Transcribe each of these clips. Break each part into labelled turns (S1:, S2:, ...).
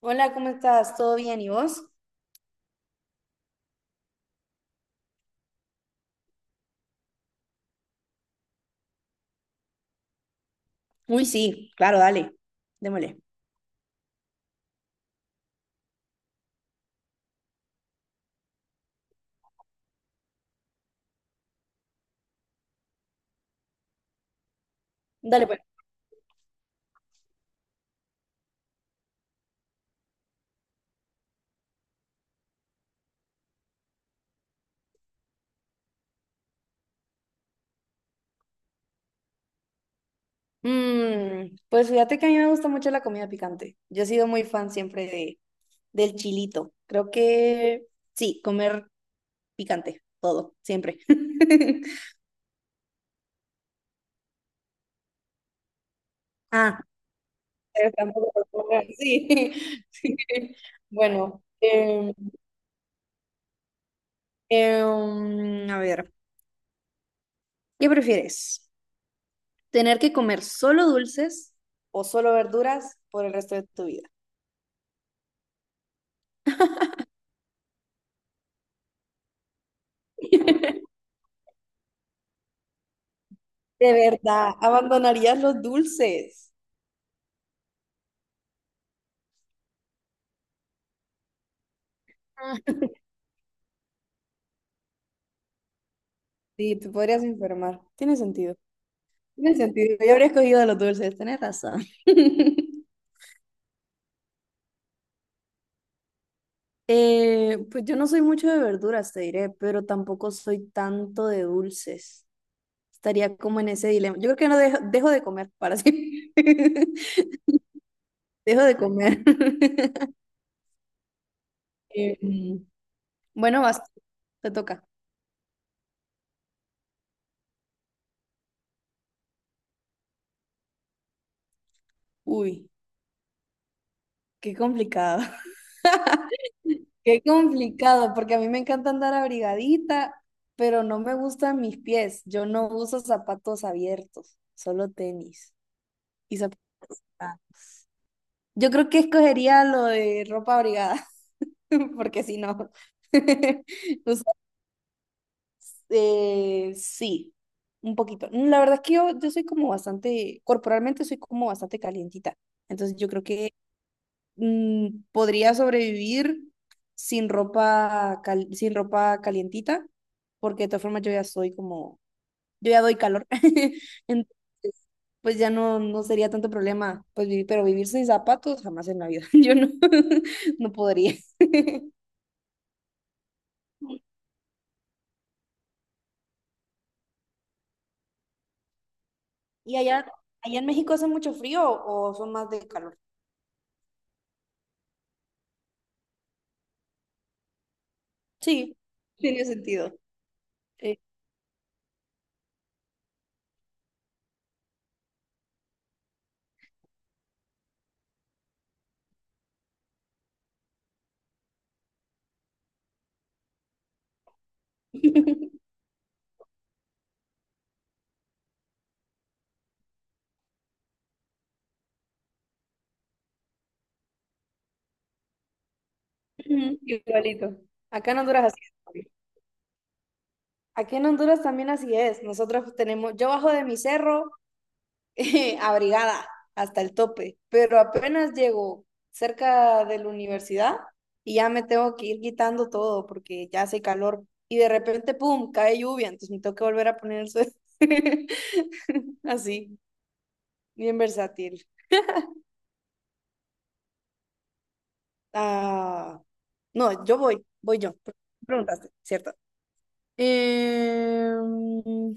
S1: Hola, ¿cómo estás? ¿Todo bien? ¿Y vos? Uy, sí, claro, dale, démosle. Dale, pues. Mm, pues fíjate que a mí me gusta mucho la comida picante. Yo he sido muy fan siempre del chilito. Creo que sí, comer picante, todo, siempre. Ah, pero tampoco por comer, sí, sí. Bueno, a ver, ¿qué prefieres? ¿Tener que comer solo dulces o solo verduras por el resto de tu vida? ¿De verdad, abandonarías los dulces? Ah. Sí, te podrías enfermar. Tiene sentido. Tiene sentido. Yo habría escogido los dulces, tenés razón. Pues yo no soy mucho de verduras, te diré, pero tampoco soy tanto de dulces. Estaría como en ese dilema. Yo creo que no dejo de comer para siempre. Dejo de comer. Em, bueno, vas, te toca. Uy, qué complicado. Qué complicado, porque a mí me encanta andar abrigadita, pero no me gustan mis pies. Yo no uso zapatos abiertos, solo tenis y zapatos. Yo creo que escogería lo de ropa abrigada, porque si no, usas, sí, un poquito. La verdad es que yo soy como bastante, corporalmente soy como bastante calientita. Entonces yo creo que mm, podría sobrevivir sin ropa, sin ropa calientita, porque de todas formas yo ya soy como, yo ya doy calor. Entonces, pues ya no, no sería tanto problema, pues vivir, pero vivir sin zapatos jamás en la vida. Yo no, no podría. ¿Y allá en México hace mucho frío o son más de calor? Sí, tiene sentido. Eh, igualito. Acá en Honduras así es. Aquí en Honduras también así es. Nosotros tenemos, yo bajo de mi cerro abrigada hasta el tope, pero apenas llego cerca de la universidad y ya me tengo que ir quitando todo porque ya hace calor y de repente, ¡pum!, cae lluvia, entonces me tengo que volver a poner el suéter. Así, bien versátil. Ah, no, yo voy, voy yo. Preguntaste, ¿cierto? Em,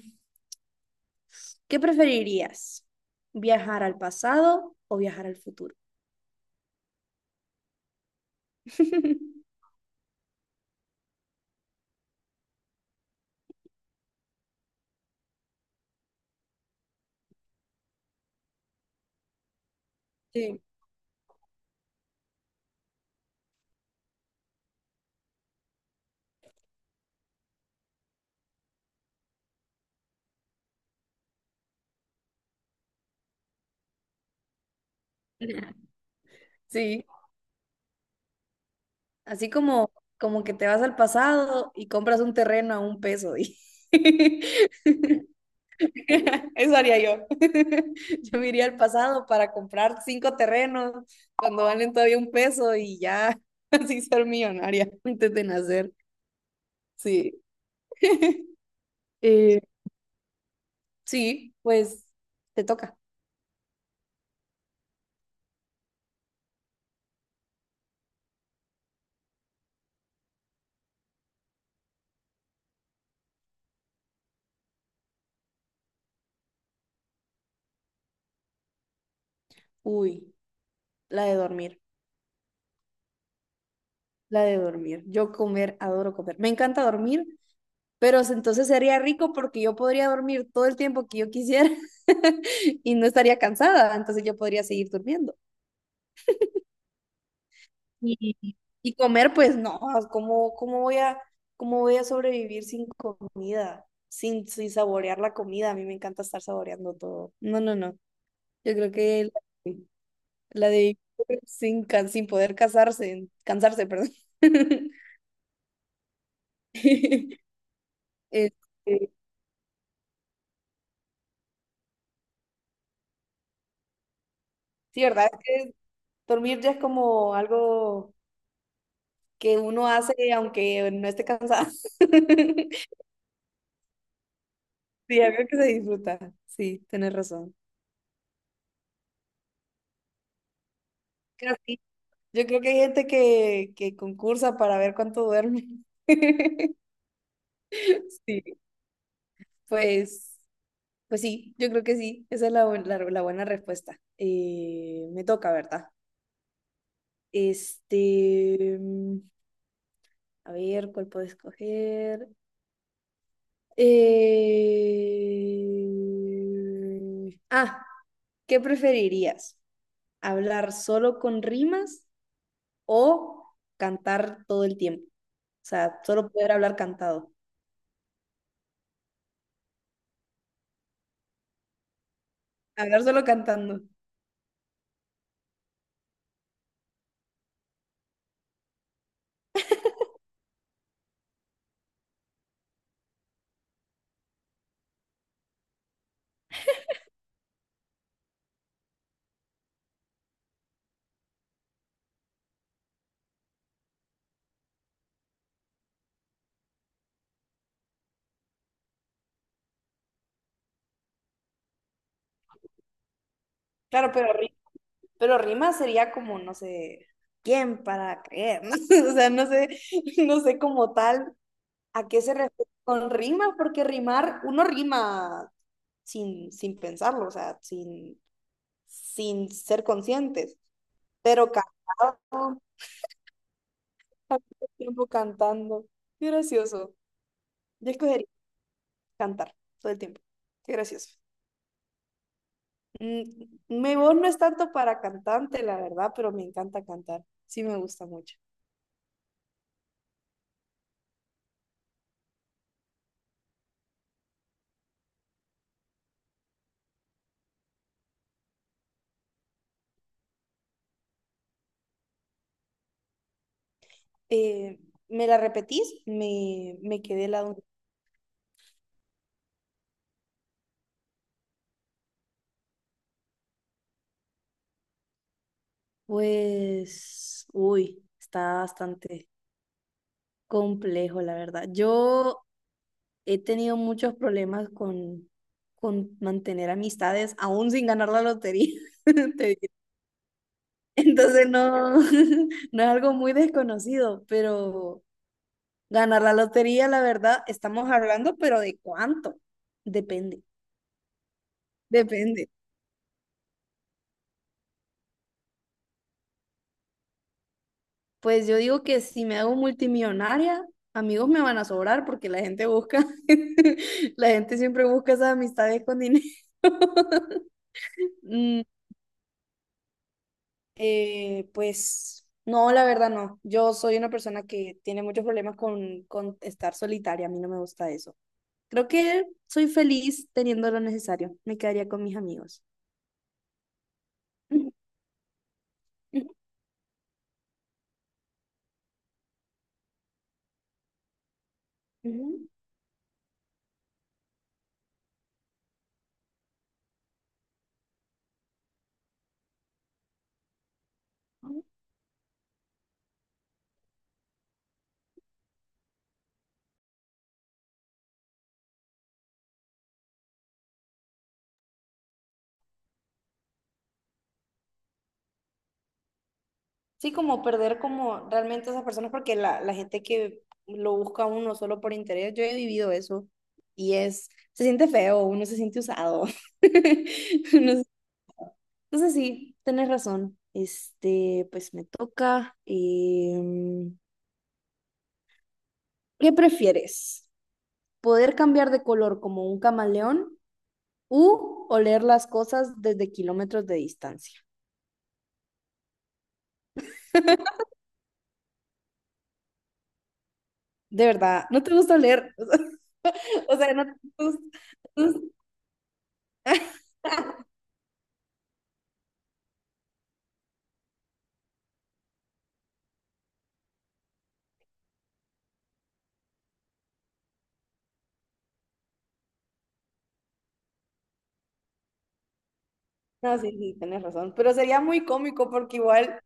S1: ¿qué preferirías? ¿Viajar al pasado o viajar al futuro? Sí. Sí. Así como, como que te vas al pasado y compras un terreno a un peso, y eso haría yo. Yo me iría al pasado para comprar cinco terrenos cuando valen todavía un peso y ya así ser millonaria antes de nacer. Sí. Eh, sí, pues te toca. Uy, la de dormir. La de dormir. Yo comer, adoro comer. Me encanta dormir, pero entonces sería rico porque yo podría dormir todo el tiempo que yo quisiera y no estaría cansada, entonces yo podría seguir durmiendo. Y Y comer, pues no, ah, ¿cómo, cómo voy a sobrevivir sin comida? Sin, sin saborear la comida, a mí me encanta estar saboreando todo. No, no, no. Yo creo que la, la de vivir sin, sin poder casarse, cansarse, perdón. Este, sí, ¿verdad? Dormir ya es como algo que uno hace aunque no esté cansado. Sí, algo que se disfruta. Sí, tienes razón. Creo que sí. Yo creo que hay gente que concursa para ver cuánto duerme. Sí, pues, pues sí, yo creo que sí. Esa es la, la buena respuesta. Me toca, ¿verdad? Este, a ver, ¿cuál puedo escoger? Eh, Ah, ¿Qué preferirías? ¿Hablar solo con rimas o cantar todo el tiempo? O sea, solo poder hablar cantado. Hablar solo cantando. Claro, pero, pero rimas sería como, no sé, ¿quién para qué? O sea, no sé, no sé como tal a qué se refiere con rimas, porque rimar, uno rima sin, sin pensarlo, o sea, sin, sin ser conscientes, pero cantado, al mismo tiempo cantando. Qué gracioso. Yo escogería cantar todo el tiempo. Qué gracioso. Mm, mi voz no es tanto para cantante, la verdad, pero me encanta cantar. Sí, me gusta mucho. Eh, ¿Me la repetís? Me quedé la duda. Pues, uy, está bastante complejo, la verdad. Yo he tenido muchos problemas con mantener amistades, aún sin ganar la lotería, te diré. Entonces, no, no es algo muy desconocido, pero ganar la lotería, la verdad, estamos hablando, pero ¿de cuánto? Depende, depende. Pues yo digo que si me hago multimillonaria, amigos me van a sobrar porque la gente busca, la gente siempre busca esas amistades con dinero. Mm, pues no, la verdad no. Yo soy una persona que tiene muchos problemas con estar solitaria. A mí no me gusta eso. Creo que soy feliz teniendo lo necesario. Me quedaría con mis amigos. Ujú, ujú, ujú. Sí, como perder como realmente esas personas, porque la gente que lo busca a uno solo por interés, yo he vivido eso y es, se siente feo, uno se siente usado. Uno, entonces sí, tenés razón. Este, pues me toca. Em, ¿qué prefieres? ¿Poder cambiar de color como un camaleón u oler las cosas desde kilómetros de distancia? De verdad, ¿no te gusta oler? O sea, no te gusta. No, sí, sí, tienes razón. Pero sería muy cómico porque igual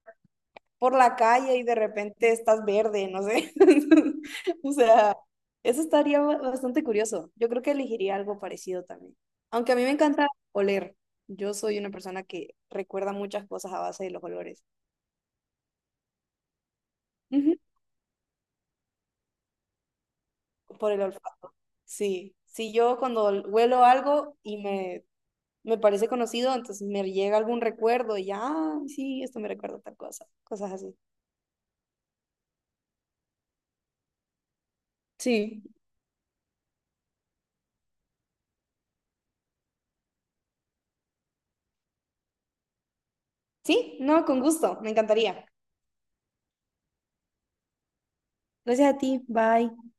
S1: por la calle y de repente estás verde, no sé. O sea, eso estaría bastante curioso. Yo creo que elegiría algo parecido también. Aunque a mí me encanta oler. Yo soy una persona que recuerda muchas cosas a base de los olores. Ujú. Por el olfato. Sí. Si yo cuando huelo algo y me parece conocido, entonces me llega algún recuerdo y ya, "Ah, sí, esto me recuerda a tal cosa". Cosas así. Sí, sí, no, con gusto, me encantaría. Gracias a ti, bye.